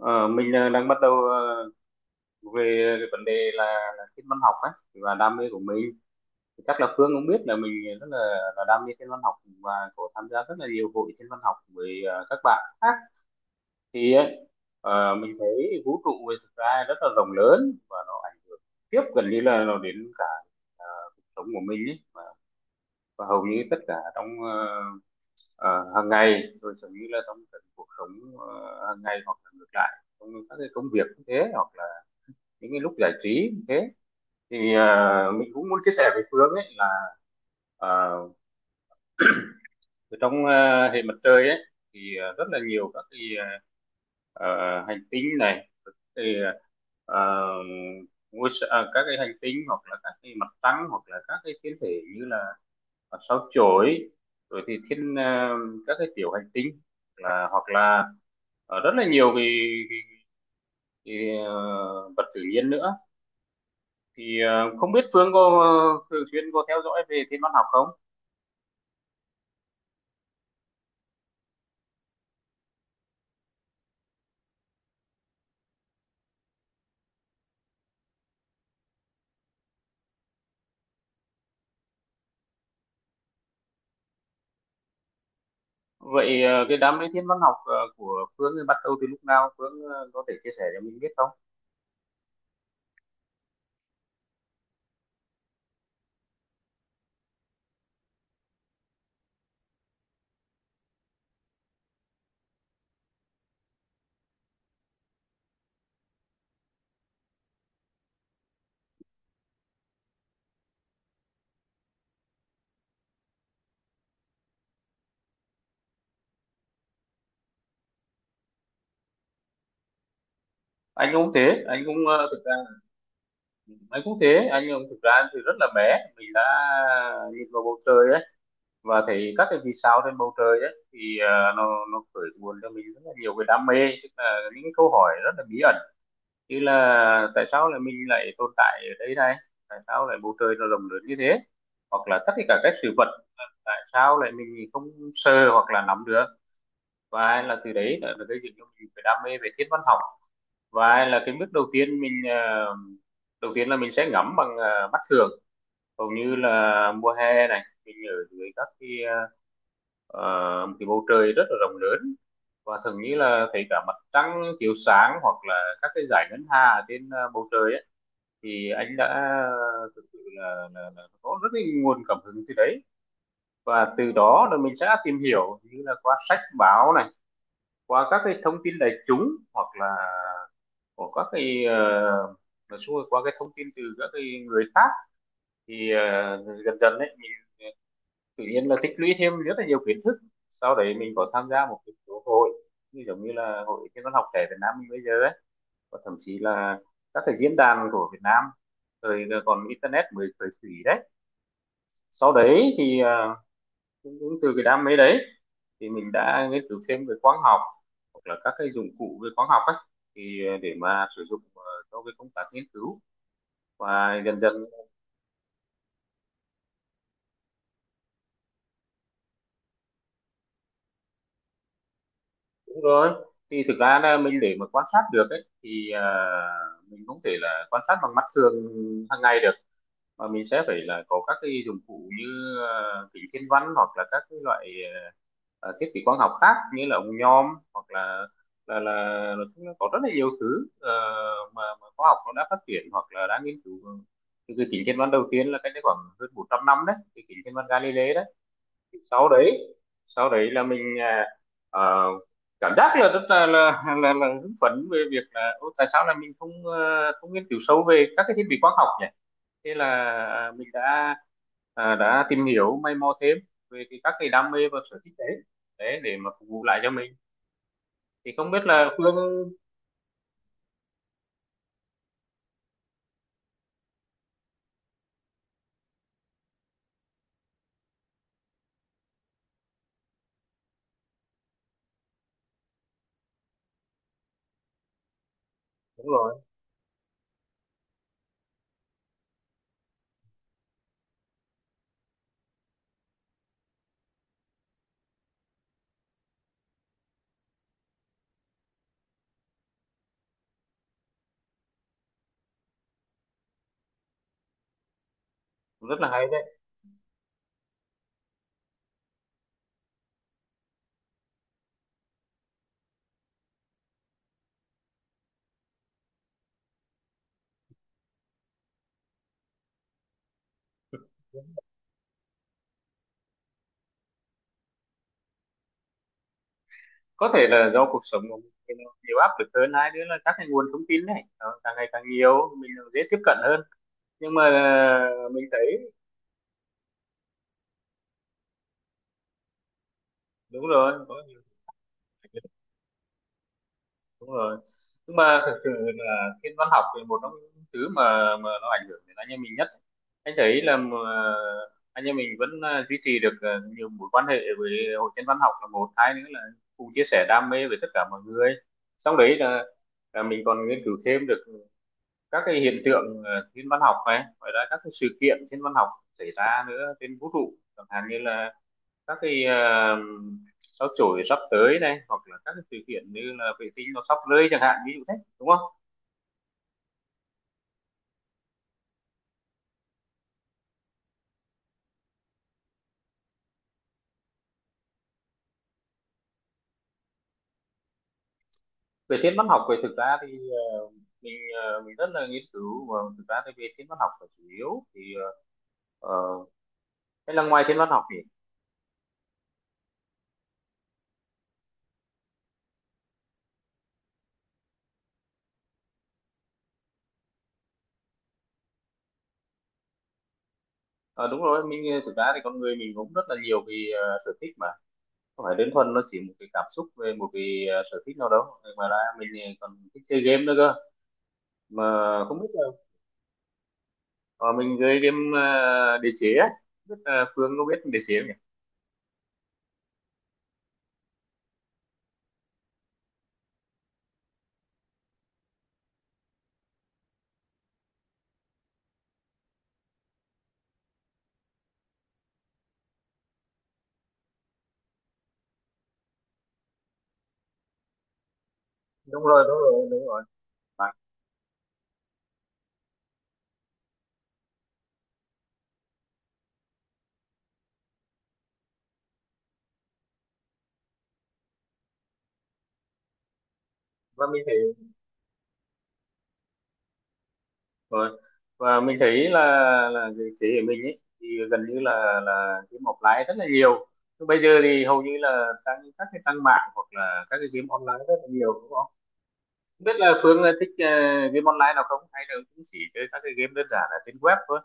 Ờ, mình đang bắt đầu về cái vấn đề là thiên văn học ấy và đam mê của mình, chắc là Phương cũng biết là mình rất là, là đam mê thiên văn học và có tham gia rất là nhiều hội thiên văn học với các bạn khác thì ấy, mình thấy vũ trụ về thực ra rất là rộng lớn và nó ảnh tiếp gần như là nó đến cả sống của mình ấy, và hầu như tất cả trong hàng ngày, rồi giống như là trong cái cuộc sống hàng ngày, hoặc là ngược lại trong các cái công việc cũng thế, hoặc là những cái lúc giải trí cũng thế. Thì mình cũng muốn chia sẻ với Phương ấy là à, ở trong hệ mặt trời ấy thì rất là nhiều các cái hành tinh này thì, à, các cái hành tinh hoặc là các cái mặt trăng hoặc là các cái thiên thể như là sao chổi, rồi thì các cái tiểu hành tinh, là hoặc là rất là nhiều cái, cái vật tự nhiên nữa. Thì không biết Phương có thường xuyên có theo dõi về thiên văn học không? Vậy cái đam mê thiên văn học của Phương thì bắt đầu từ lúc nào? Phương có thể chia sẻ cho mình biết không? Anh thực ra anh cũng thế, anh cũng thực ra thì rất là bé mình đã nhìn vào bầu trời ấy và thấy các cái vì sao trên bầu trời ấy, thì nó khởi nguồn cho mình rất là nhiều cái đam mê, tức là những câu hỏi rất là bí ẩn như là tại sao lại mình lại tồn tại ở đây này, tại sao lại bầu trời nó rộng lớn như thế, hoặc là tất cả các sự vật tại sao lại mình không sờ hoặc là nắm được. Và là từ đấy là, cái gây dựng cho mình cái đam mê về thiên văn học, và là cái bước đầu tiên mình đầu tiên là mình sẽ ngắm bằng mắt thường. Hầu như là mùa hè này mình ở dưới các cái ờ, cái bầu trời rất là rộng lớn, và thường như là thấy cả mặt trăng chiếu sáng hoặc là các cái dải ngân hà trên bầu trời ấy, thì anh đã thực sự là có rất là nguồn cảm hứng từ đấy. Và từ đó là mình sẽ tìm hiểu như là qua sách báo này, qua các cái thông tin đại chúng, hoặc là của các cái nói chung qua cái thông tin từ các cái người khác, thì dần dần đấy mình tự nhiên là tích lũy thêm rất là nhiều kiến thức. Sau đấy mình có tham gia một cái số hội như giống như là hội thiên văn học trẻ Việt Nam mình bây giờ đấy, và thậm chí là các cái diễn đàn của Việt Nam thời còn internet mới khởi thủy đấy. Sau đấy thì cũng từ cái đam mê đấy thì mình đã nghiên cứu thêm về quang học hoặc là các cái dụng cụ về quang học ấy, thì để mà sử dụng cho cái công tác nghiên cứu, và dần dần. Đúng rồi, thì thực ra là mình để mà quan sát được ấy thì mình không thể là quan sát bằng mắt thường hàng ngày được, mà mình sẽ phải là có các cái dụng cụ như kính thiên văn hoặc là các cái loại thiết bị quang học khác như là ống nhòm, hoặc là là là, nói chung là có rất là nhiều thứ mà khoa học nó đã phát triển hoặc là đã nghiên cứu. Từ từ kính thiên văn đầu tiên là cách đây khoảng hơn 400 năm đấy, cái kính thiên văn Galilei đấy, sau đấy sau đấy là mình ờ, cảm giác là rất là là hứng phấn về việc là "Ô, tại sao là mình không không nghiên cứu sâu về các cái thiết bị khoa học nhỉ". Thế là mình đã đã tìm hiểu mày mò thêm về các cái đam mê và sở thích đấy, đấy để mà phục vụ lại cho mình. Thì không biết là Phương. Đúng rồi, cũng rất là hay đấy. Có thể là do cuộc sống của mình thì nó nhiều áp lực hơn, hai nữa là các cái nguồn thông tin này nó càng ngày càng nhiều, mình dễ tiếp cận hơn. Nhưng mà mình thấy đúng rồi có, đúng rồi. Nhưng mà thực sự là thiên văn học thì một trong những thứ mà nó ảnh hưởng đến anh em mình nhất. Anh thấy là mà anh em mình vẫn duy trì được nhiều mối quan hệ với hội thiên văn học là một, hai nữa là cùng chia sẻ đam mê với tất cả mọi người, xong đấy là mình còn nghiên cứu thêm được các cái hiện tượng thiên văn học này, ngoài ra các cái sự kiện thiên văn học xảy ra nữa trên vũ trụ, chẳng hạn như là các cái sao chổi sắp tới này, hoặc là các cái sự kiện như là vệ tinh nó sắp rơi chẳng hạn, ví dụ thế đúng không. Về thiên văn học về thực ra thì mình mình rất là nghiên cứu và thực ra thì về thiên văn học là chủ yếu, thì ờ, hay là ngoài thiên văn học thì ờ, đúng rồi, mình thực ra thì con người mình cũng rất là nhiều vì sở thích mà, không phải đơn thuần nó chỉ một cái cảm xúc về một cái sở thích nào đâu, mà ra mình còn thích chơi game nữa cơ mà. Không biết là ờ, mình chơi game đế chế á. Không biết là Phương có biết đế chế. Đúng rồi, đúng rồi, đúng rồi. Và mình thấy rồi, và mình thấy là cái thế hệ mình ấy thì gần như là game offline rất là nhiều. Nhưng bây giờ thì hầu như là tăng các cái tăng mạng hoặc là các cái game online rất là nhiều, đúng không? Không biết là Phương thích game online nào không, hay là cũng chỉ chơi các cái game đơn giản là trên web thôi.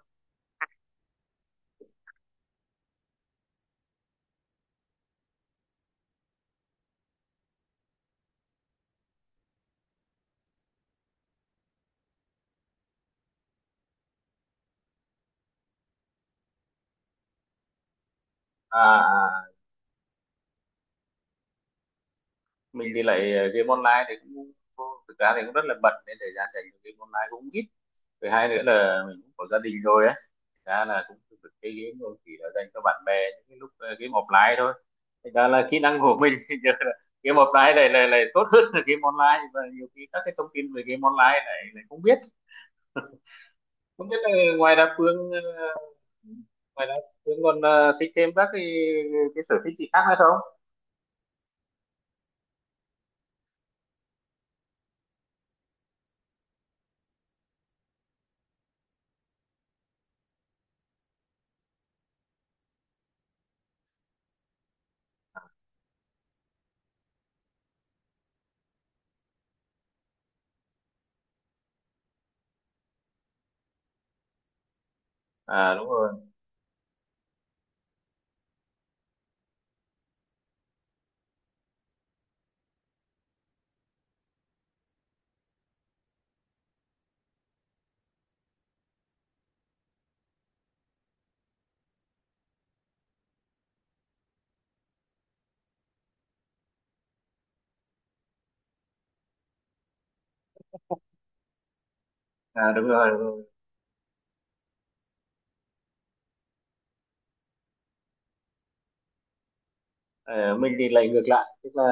à à, mình thì lại game online thì cũng thực ra thì cũng rất là bận, nên thời gian dành cho game online cũng ít. Thứ hai nữa là mình cũng có gia đình rồi ấy, ra là cũng được chơi game thôi, chỉ là dành cho bạn bè những cái lúc game offline thôi. Thành ra là kỹ năng của mình thì giờ là game offline này này này tốt hơn là game online, và nhiều khi các cái thông tin về game online này này không biết. Không biết là ngoài đa phương ngoài đa phương còn thích thêm các cái sở thích gì khác nữa không. À đúng rồi, à đúng rồi, đúng rồi. Ờ, mình thì lại ngược lại, tức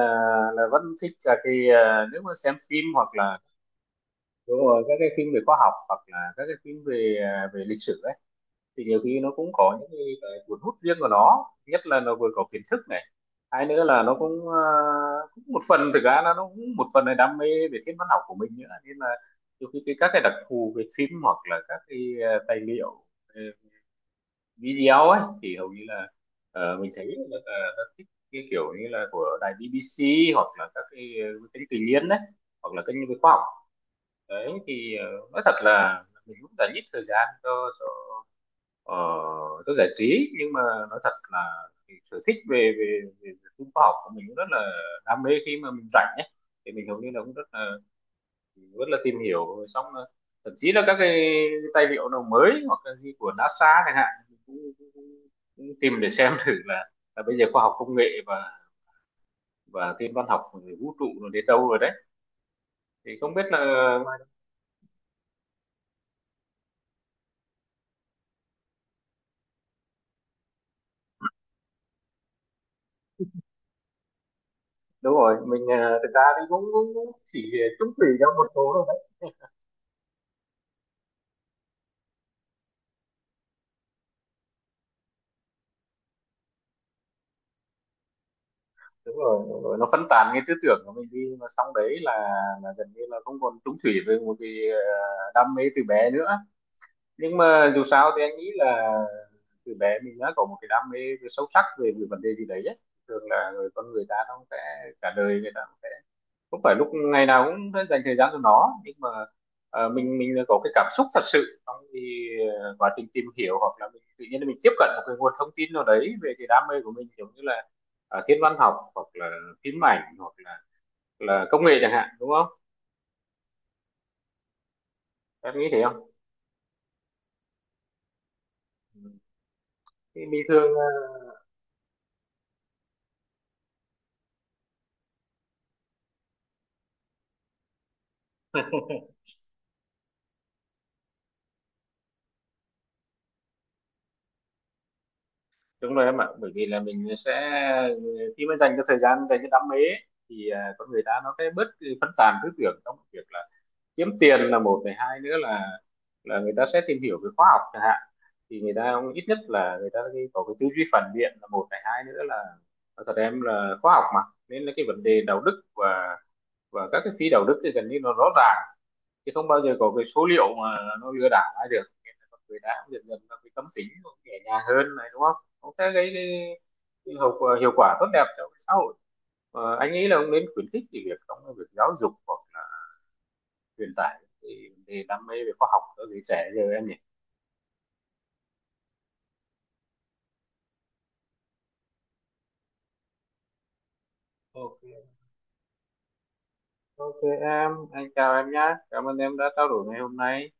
là vẫn thích là cái nếu mà xem phim hoặc là đúng rồi các cái phim về khoa học hoặc là các cái phim về về lịch sử ấy, thì nhiều khi nó cũng có những cái cuốn hút riêng của nó, nhất là nó vừa có kiến thức này, hai nữa là nó cũng cũng một phần thực ra là nó cũng một phần là đam mê về thiên văn học của mình nữa, nên là nhiều khi cái các cái đặc thù về phim hoặc là các cái tài liệu video ấy thì hầu như là mình thấy rất thích cái kiểu như là của đài BBC hoặc là các cái kênh tự nhiên đấy, hoặc là kênh về khoa học. Đấy thì nói thật là mình cũng đã ít thời gian cho cho Ờ, tôi giải trí, nhưng mà nói thật là cái sở thích về về phim khoa học của mình cũng rất là đam mê. Khi mà mình rảnh ấy thì mình hầu như là cũng rất là tìm hiểu, xong là thậm chí là các cái tài liệu nào mới hoặc là gì của NASA chẳng hạn mình cũng tìm để xem thử là bây giờ khoa học công nghệ và thiên văn học rồi vũ trụ rồi đến đâu rồi đấy. Thì không biết là đúng rồi mình thực ra thì cũng chỉ chung thủy cho một số. Đúng rồi, đúng rồi, nó phân tán cái tư tưởng của mình đi, mà xong đấy là gần như là không còn trúng thủy với một cái đam mê từ bé nữa. Nhưng mà dù sao thì anh nghĩ là từ bé mình đã có một cái đam mê sâu sắc về cái vấn đề gì đấy ấy. Thường là con người ta nó sẽ cả đời người ta không phải lúc ngày nào cũng phải dành thời gian cho nó, nhưng mà mình có cái cảm xúc thật sự trong thì quá trình tìm hiểu, hoặc là mình tự nhiên mình tiếp cận một cái nguồn thông tin nào đấy về cái đam mê của mình, giống như là thiên văn học hoặc là phim ảnh hoặc là công nghệ chẳng hạn, đúng không? Em nghĩ thế không? Thì bình thường đúng rồi em ạ, bởi vì là mình sẽ khi mà dành cho thời gian dành cho đam mê ấy, thì con người ta nó sẽ bớt cái phân tán tư tưởng trong việc là kiếm tiền là một này, hai nữa là người ta sẽ tìm hiểu về khoa học chẳng hạn, thì người ta cũng ít nhất là người ta có cái tư duy phản biện là một này, hai nữa là nói thật em là khoa học mà, nên là cái vấn đề đạo đức và các cái phi đạo đức thì gần như nó rõ ràng, chứ không bao giờ có cái số liệu mà nó lừa đảo ai được, nên là con người ta cũng dần dần là cái tâm tính cũng nhẹ nhàng hơn này, đúng không, cũng sẽ gây cái, hiệu quả tốt đẹp cho xã hội. Ờ, anh nghĩ là ông nên khuyến khích cái việc trong cái việc giáo dục hoặc là truyền tải cái vấn đề đam mê về khoa học cho giới trẻ giờ em nhỉ. Ok, ok em, anh chào em nhé. Cảm ơn em đã trao đổi ngày hôm nay.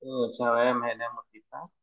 Ừ, chào em, hẹn em một dịp khác.